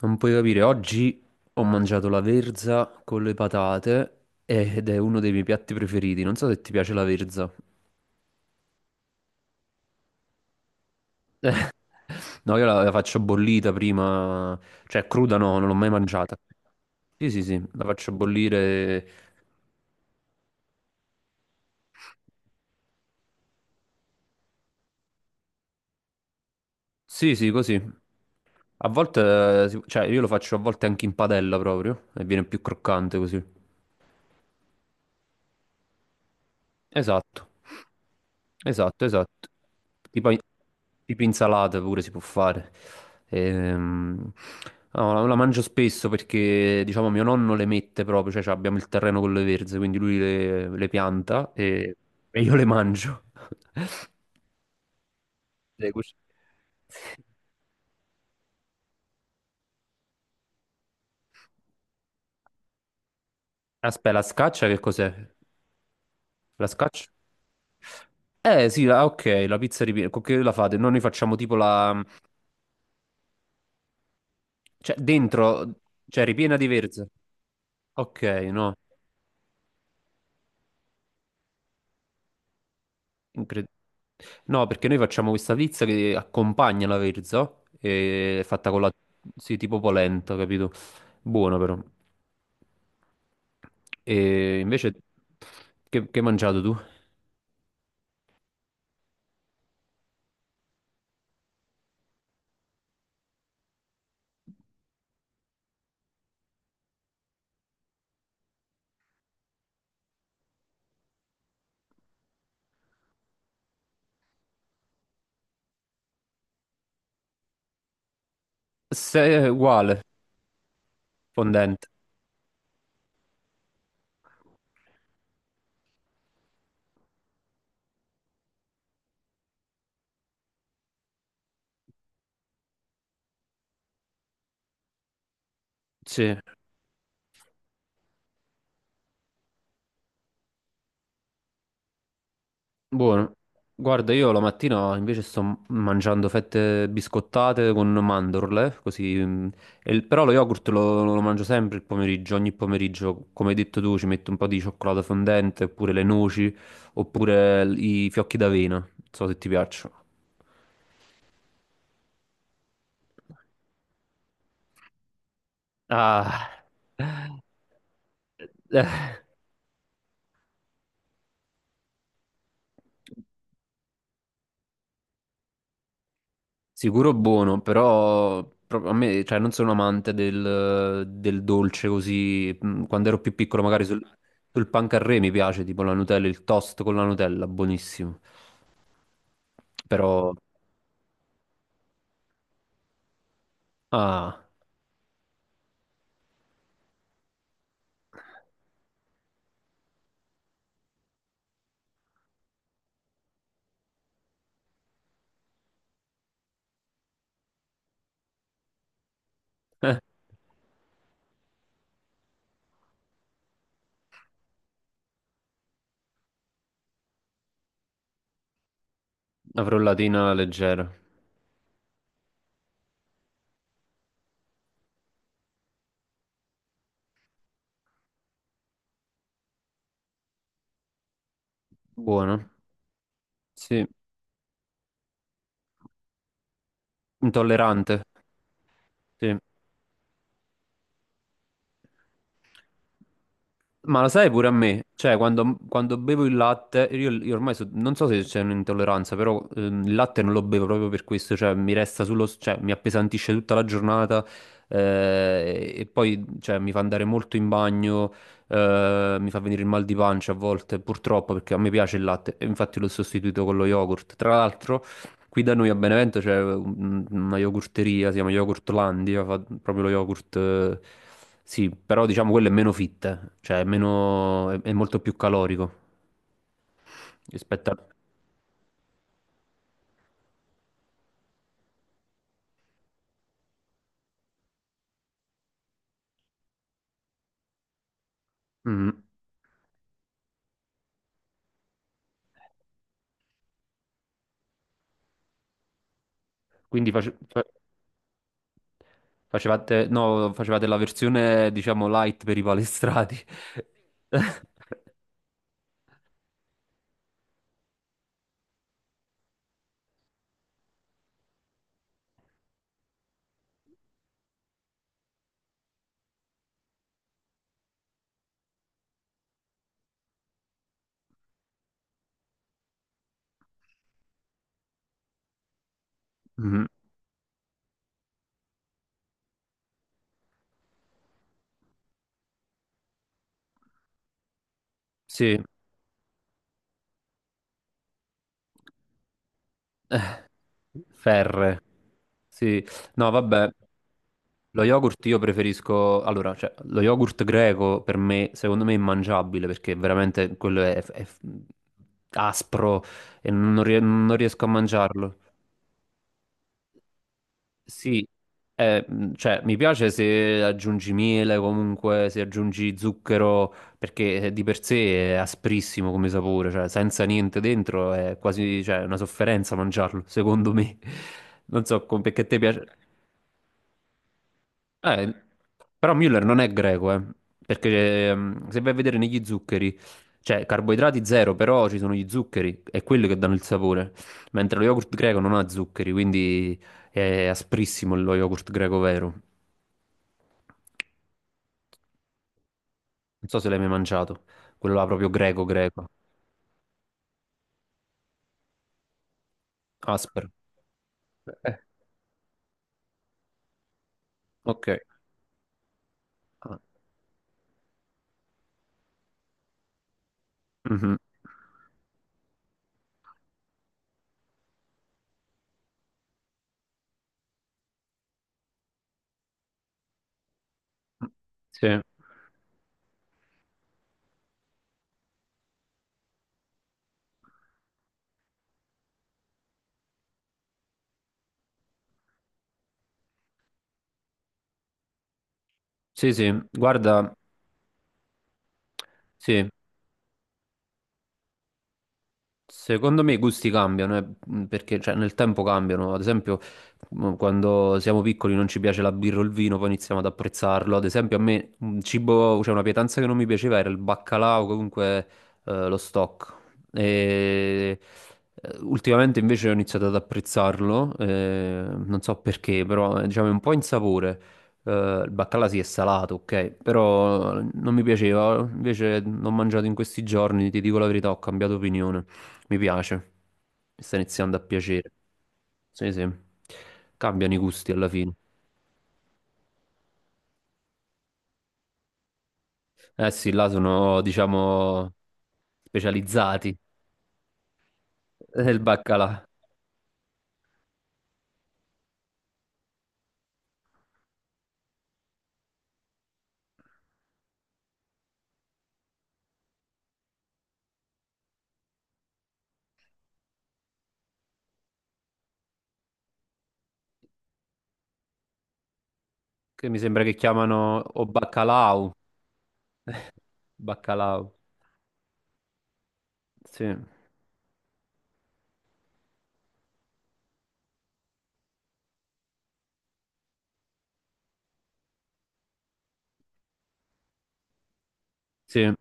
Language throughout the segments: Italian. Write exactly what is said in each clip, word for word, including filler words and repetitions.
Non puoi capire, oggi ho mangiato la verza con le patate ed è uno dei miei piatti preferiti. Non so se ti piace la verza. No, io la, la faccio bollita prima, cioè cruda no, non l'ho mai mangiata. Sì, sì, sì, la faccio bollire. Sì, sì, così. A volte, eh, si- cioè io lo faccio a volte anche in padella proprio e viene più croccante così. Esatto. Esatto, esatto. Tipo, tipo insalata pure si può fare. Ehm, no, la, la mangio spesso perché, diciamo, mio nonno le mette proprio, cioè, cioè, abbiamo il terreno con le verze, quindi lui le, le pianta e, e io le mangio. Le cuc- Aspetta, la scaccia che cos'è? La scaccia? Eh sì, la- ok, la pizza ripiena, con che la fate? Noi ne facciamo tipo la. Cioè dentro, cioè ripiena di verze. Ok, no. Incre- No, perché noi facciamo questa pizza che accompagna la verza, e è fatta con la. Sì, tipo polenta, capito? Buona però. E invece, che, che hai mangiato tu? Se uguale, fondente. Sì. Buono. Guarda, io la mattina invece sto m- mangiando fette biscottate con mandorle, così. mm, e il- però lo yogurt lo, lo mangio sempre il pomeriggio, ogni pomeriggio, come hai detto tu, ci metto un po' di cioccolato fondente, oppure le noci, oppure l- i fiocchi d'avena, non so se ti piacciono. Ah, Sicuro buono, però pro- a me, cioè, non sono amante del, del dolce così. mm, Quando ero più piccolo, magari sul, sul pan carré mi piace, tipo la Nutella, il toast con la Nutella, buonissimo. Però, ah, la frullatina leggera, buona, sì, intollerante, sì. Ma lo sai pure a me, cioè quando, quando bevo il latte, io, io ormai so- non so se c'è un'intolleranza, però ehm, il latte non lo bevo proprio per questo, cioè mi resta sullo, s- cioè mi appesantisce tutta la giornata eh, e poi cioè, mi fa andare molto in bagno, eh, mi fa venire il mal di pancia a volte, purtroppo perché a me piace il latte e infatti l'ho sostituito con lo yogurt. Tra l'altro, qui da noi a Benevento c'è un- una yogurteria, si chiama Yogurtlandia, fa proprio lo yogurt, eh, sì, però diciamo quello è meno fit, cioè è, meno, è, è molto più calorico rispetto a. Mm. Quindi face- fa- facevate, no, facevate la versione diciamo light per i palestrati. Mm. Sì. Ferre. Sì, no, vabbè. Lo yogurt io preferisco, allora, cioè, lo yogurt greco per me, secondo me è immangiabile perché veramente quello è, è aspro e non rie- non riesco a mangiarlo. Sì, eh, mh, cioè, mi piace se aggiungi miele, comunque se aggiungi zucchero, perché eh, di per sé è asprissimo come sapore, cioè, senza niente dentro è quasi, cioè, una sofferenza mangiarlo, secondo me. Non so com- perché a te piace. Eh, Però Müller non è greco, eh, perché ehm, se vai a vedere negli zuccheri, cioè carboidrati zero, però ci sono gli zuccheri, è quelli che danno il sapore, mentre lo yogurt greco non ha zuccheri, quindi è asprissimo lo yogurt greco vero. Non so se l'hai mai mangiato, quello là proprio greco greco, aspero. Eh, ok. Ah, mhm. Sì, sì, sì, guarda, sì, secondo me i gusti cambiano, eh, mh, perché cioè, nel tempo cambiano. Ad esempio, mh, quando siamo piccoli non ci piace la birra o il vino, poi iniziamo ad apprezzarlo. Ad esempio, a me un cibo, cioè una pietanza che non mi piaceva era il baccalà o comunque eh, lo stock. E, eh, ultimamente invece ho iniziato ad apprezzarlo, eh, non so perché, però eh, diciamo è un po' insapore. Eh, il baccalà sì è salato, ok, però non mi piaceva. Invece l'ho mangiato in questi giorni, ti dico la verità, ho cambiato opinione. Mi piace, mi sta iniziando a piacere. Sì, sì. Cambiano i gusti alla fine. Eh sì, là sono, diciamo, specializzati nel baccalà, che mi sembra che chiamano o baccalau. Baccalau. Sì, sì.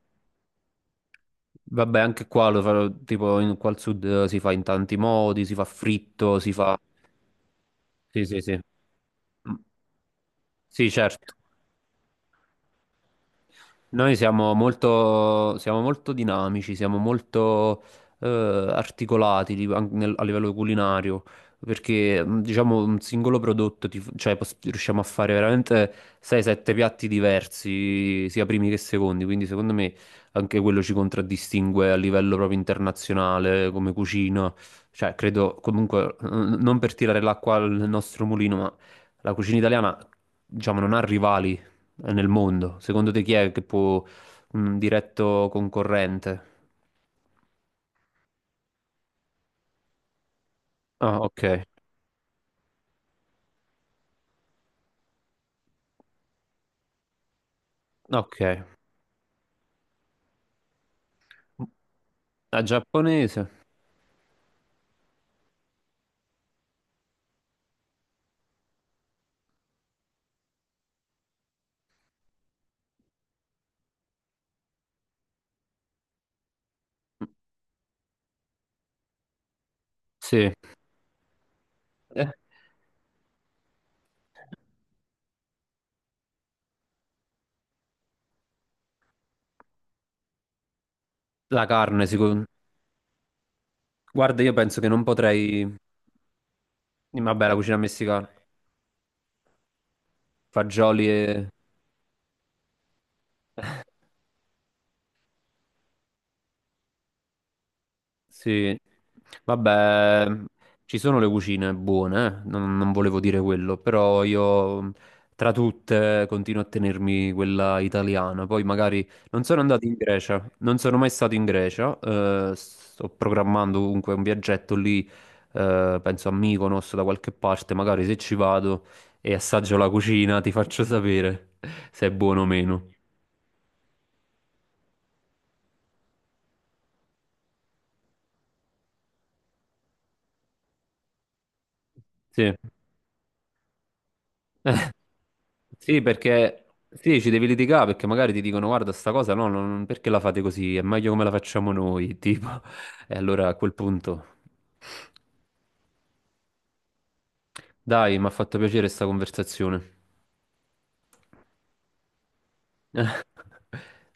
Vabbè, anche qua lo farò, tipo, in, qua al sud eh, si fa in tanti modi, si fa fritto, si fa. Sì, sì, sì. Mm. Sì, certo. Noi siamo molto, siamo molto dinamici, siamo molto eh, articolati di- an- nel- a livello culinario, perché mh, diciamo un singolo prodotto, ti f- cioè, poss- riusciamo a fare veramente sei sette piatti diversi, sia primi che secondi, quindi secondo me anche quello ci contraddistingue a livello proprio internazionale come cucina, cioè credo comunque, n- non per tirare l'acqua al nostro mulino, ma la cucina italiana diciamo non ha rivali nel mondo? Secondo te chi è che può un diretto concorrente? Ah, ok, ok. La giapponese? Sì. Eh, La carne, sicuro. Guarda, io penso che non potrei. Vabbè, la cucina messicana, fagioli e Sì, vabbè, ci sono le cucine buone. Eh, Non, non volevo dire quello, però io tra tutte continuo a tenermi quella italiana. Poi magari non sono andato in Grecia, non sono mai stato in Grecia, eh, sto programmando comunque un viaggetto lì, eh, penso a Mykonos da qualche parte, magari se ci vado e assaggio la cucina ti faccio sapere se è buono o meno. Sì. Sì, perché sì, ci devi litigare perché magari ti dicono guarda, sta cosa no, non- perché la fate così? È meglio come la facciamo noi, tipo. E allora a quel punto, dai, mi ha fatto piacere sta conversazione.